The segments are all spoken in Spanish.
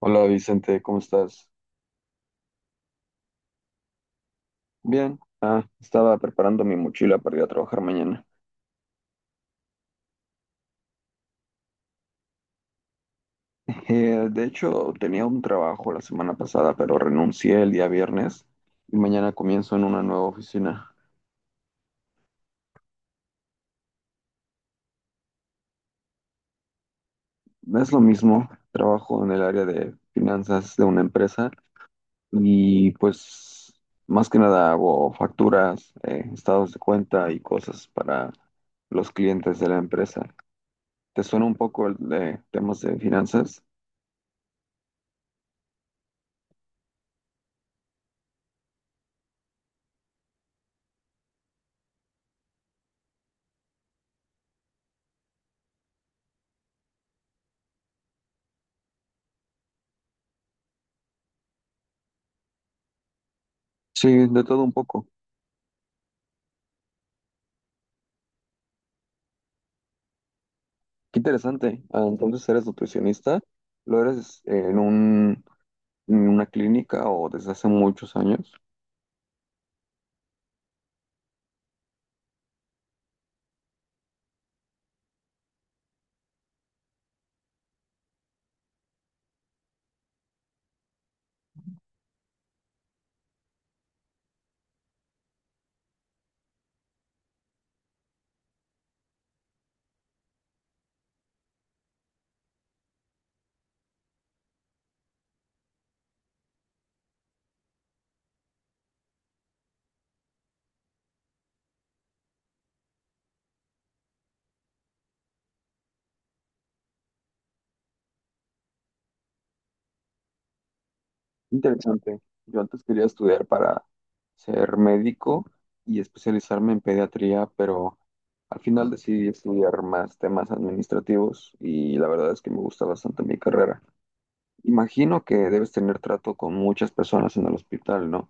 Hola Vicente, ¿cómo estás? Bien. Estaba preparando mi mochila para ir a trabajar mañana. De hecho, tenía un trabajo la semana pasada, pero renuncié el día viernes y mañana comienzo en una nueva oficina. Es lo mismo, trabajo en el área de finanzas de una empresa y pues más que nada hago facturas, estados de cuenta y cosas para los clientes de la empresa. ¿Te suena un poco el de temas de finanzas? Sí, de todo un poco. Qué interesante. Entonces eres nutricionista, lo eres en en una clínica o desde hace muchos años. Interesante. Yo antes quería estudiar para ser médico y especializarme en pediatría, pero al final decidí estudiar más temas administrativos y la verdad es que me gusta bastante mi carrera. Imagino que debes tener trato con muchas personas en el hospital, ¿no?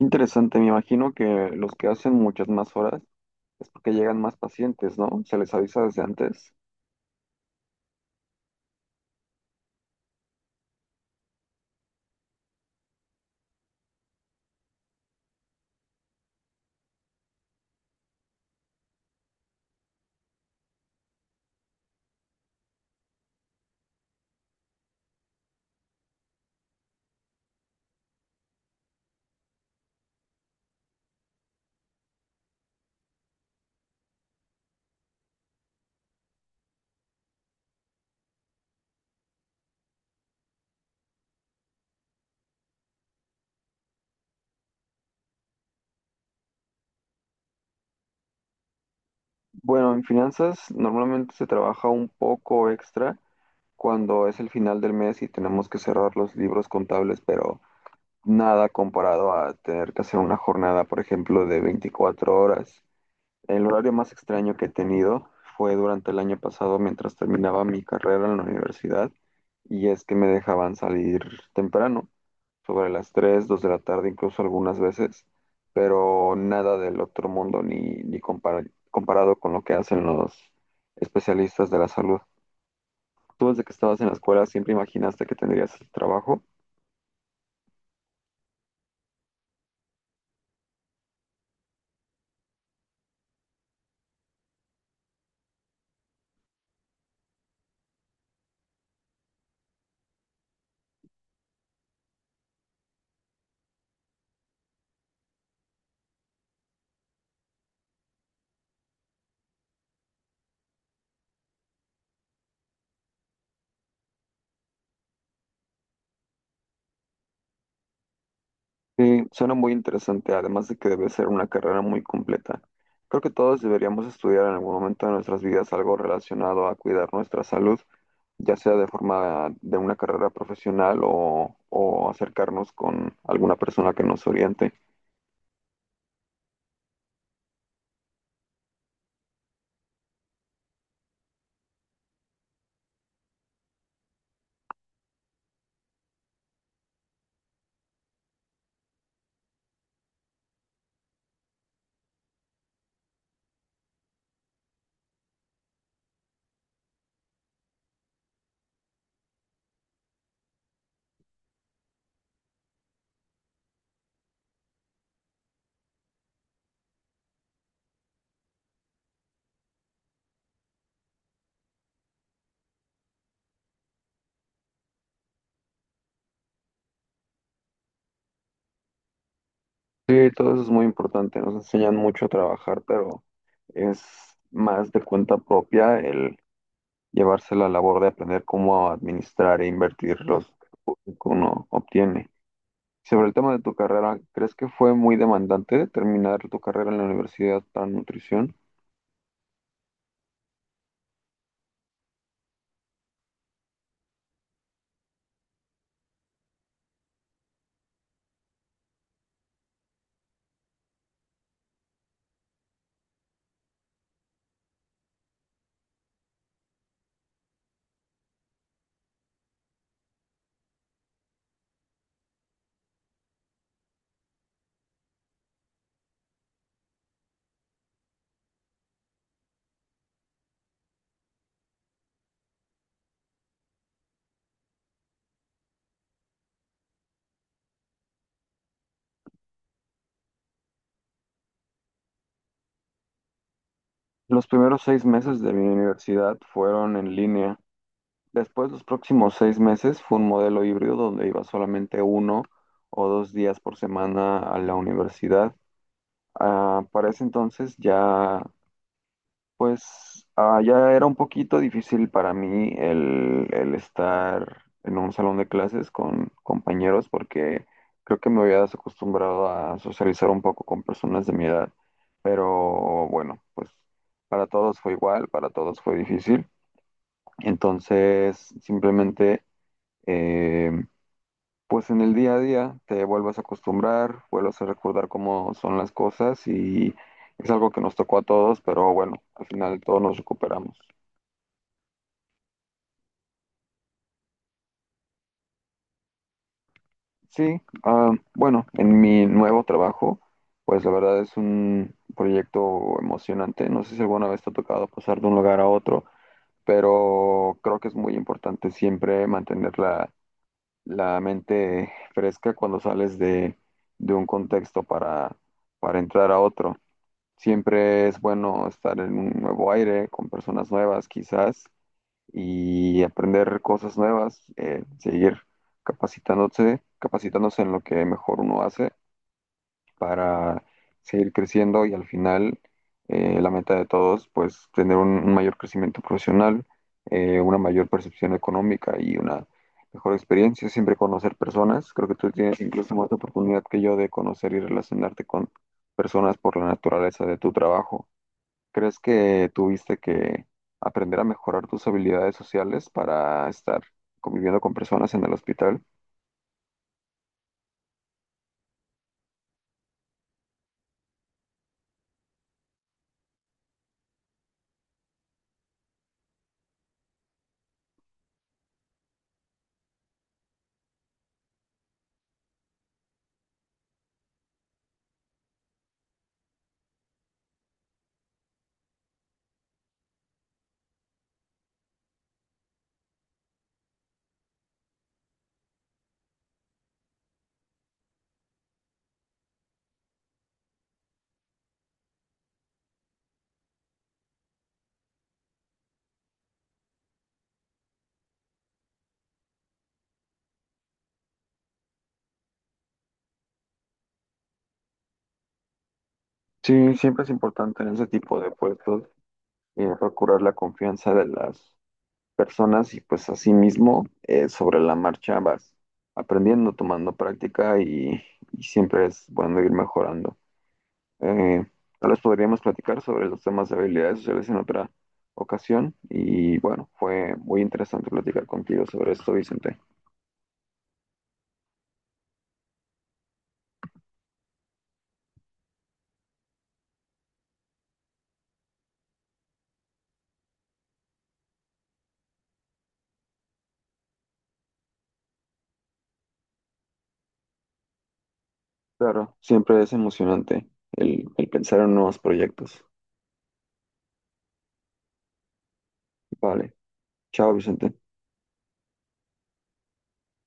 Interesante, me imagino que los que hacen muchas más horas es porque llegan más pacientes, ¿no? Se les avisa desde antes. Bueno, en finanzas normalmente se trabaja un poco extra cuando es el final del mes y tenemos que cerrar los libros contables, pero nada comparado a tener que hacer una jornada, por ejemplo, de 24 horas. El horario más extraño que he tenido fue durante el año pasado mientras terminaba mi carrera en la universidad y es que me dejaban salir temprano, sobre las 3 2 de la tarde, incluso algunas veces, pero nada del otro mundo ni comparado con lo que hacen los especialistas de la salud. Tú desde que estabas en la escuela siempre imaginaste que tendrías este trabajo. Sí, suena muy interesante, además de que debe ser una carrera muy completa. Creo que todos deberíamos estudiar en algún momento de nuestras vidas algo relacionado a cuidar nuestra salud, ya sea de forma de una carrera profesional o acercarnos con alguna persona que nos oriente. Sí, todo eso es muy importante. Nos enseñan mucho a trabajar, pero es más de cuenta propia el llevarse la labor de aprender cómo administrar e invertir los que uno obtiene. Sobre el tema de tu carrera, ¿crees que fue muy demandante terminar tu carrera en la universidad para nutrición? Los primeros 6 meses de mi universidad fueron en línea. Después, los próximos 6 meses fue un modelo híbrido donde iba solamente uno o dos días por semana a la universidad. Para ese entonces ya, pues, ya era un poquito difícil para mí el estar en un salón de clases con compañeros porque creo que me había desacostumbrado a socializar un poco con personas de mi edad. Pero bueno, pues para todos fue igual, para todos fue difícil. Entonces, simplemente eh, pues en el día a día te vuelves a acostumbrar, vuelves a recordar cómo son las cosas y es algo que nos tocó a todos, pero bueno, al final todos nos recuperamos. Sí, bueno, en mi nuevo trabajo, pues la verdad es un proyecto emocionante. No sé si alguna vez te ha tocado pasar de un lugar a otro, pero creo que es muy importante siempre mantener la mente fresca cuando sales de un contexto para entrar a otro. Siempre es bueno estar en un nuevo aire, con personas nuevas quizás, y aprender cosas nuevas, seguir capacitándose en lo que mejor uno hace para seguir creciendo y al final la meta de todos, pues tener un mayor crecimiento profesional, una mayor percepción económica y una mejor experiencia, siempre conocer personas. Creo que tú tienes incluso más oportunidad que yo de conocer y relacionarte con personas por la naturaleza de tu trabajo. ¿Crees que tuviste que aprender a mejorar tus habilidades sociales para estar conviviendo con personas en el hospital? Sí, siempre es importante en ese tipo de puestos procurar la confianza de las personas y pues asimismo sobre la marcha vas aprendiendo, tomando práctica y siempre es bueno ir mejorando. Eh, Tal vez podríamos platicar sobre los temas de habilidades sociales en otra ocasión y bueno, fue muy interesante platicar contigo sobre esto, Vicente. Claro, siempre es emocionante el pensar en nuevos proyectos. Vale, chao Vicente.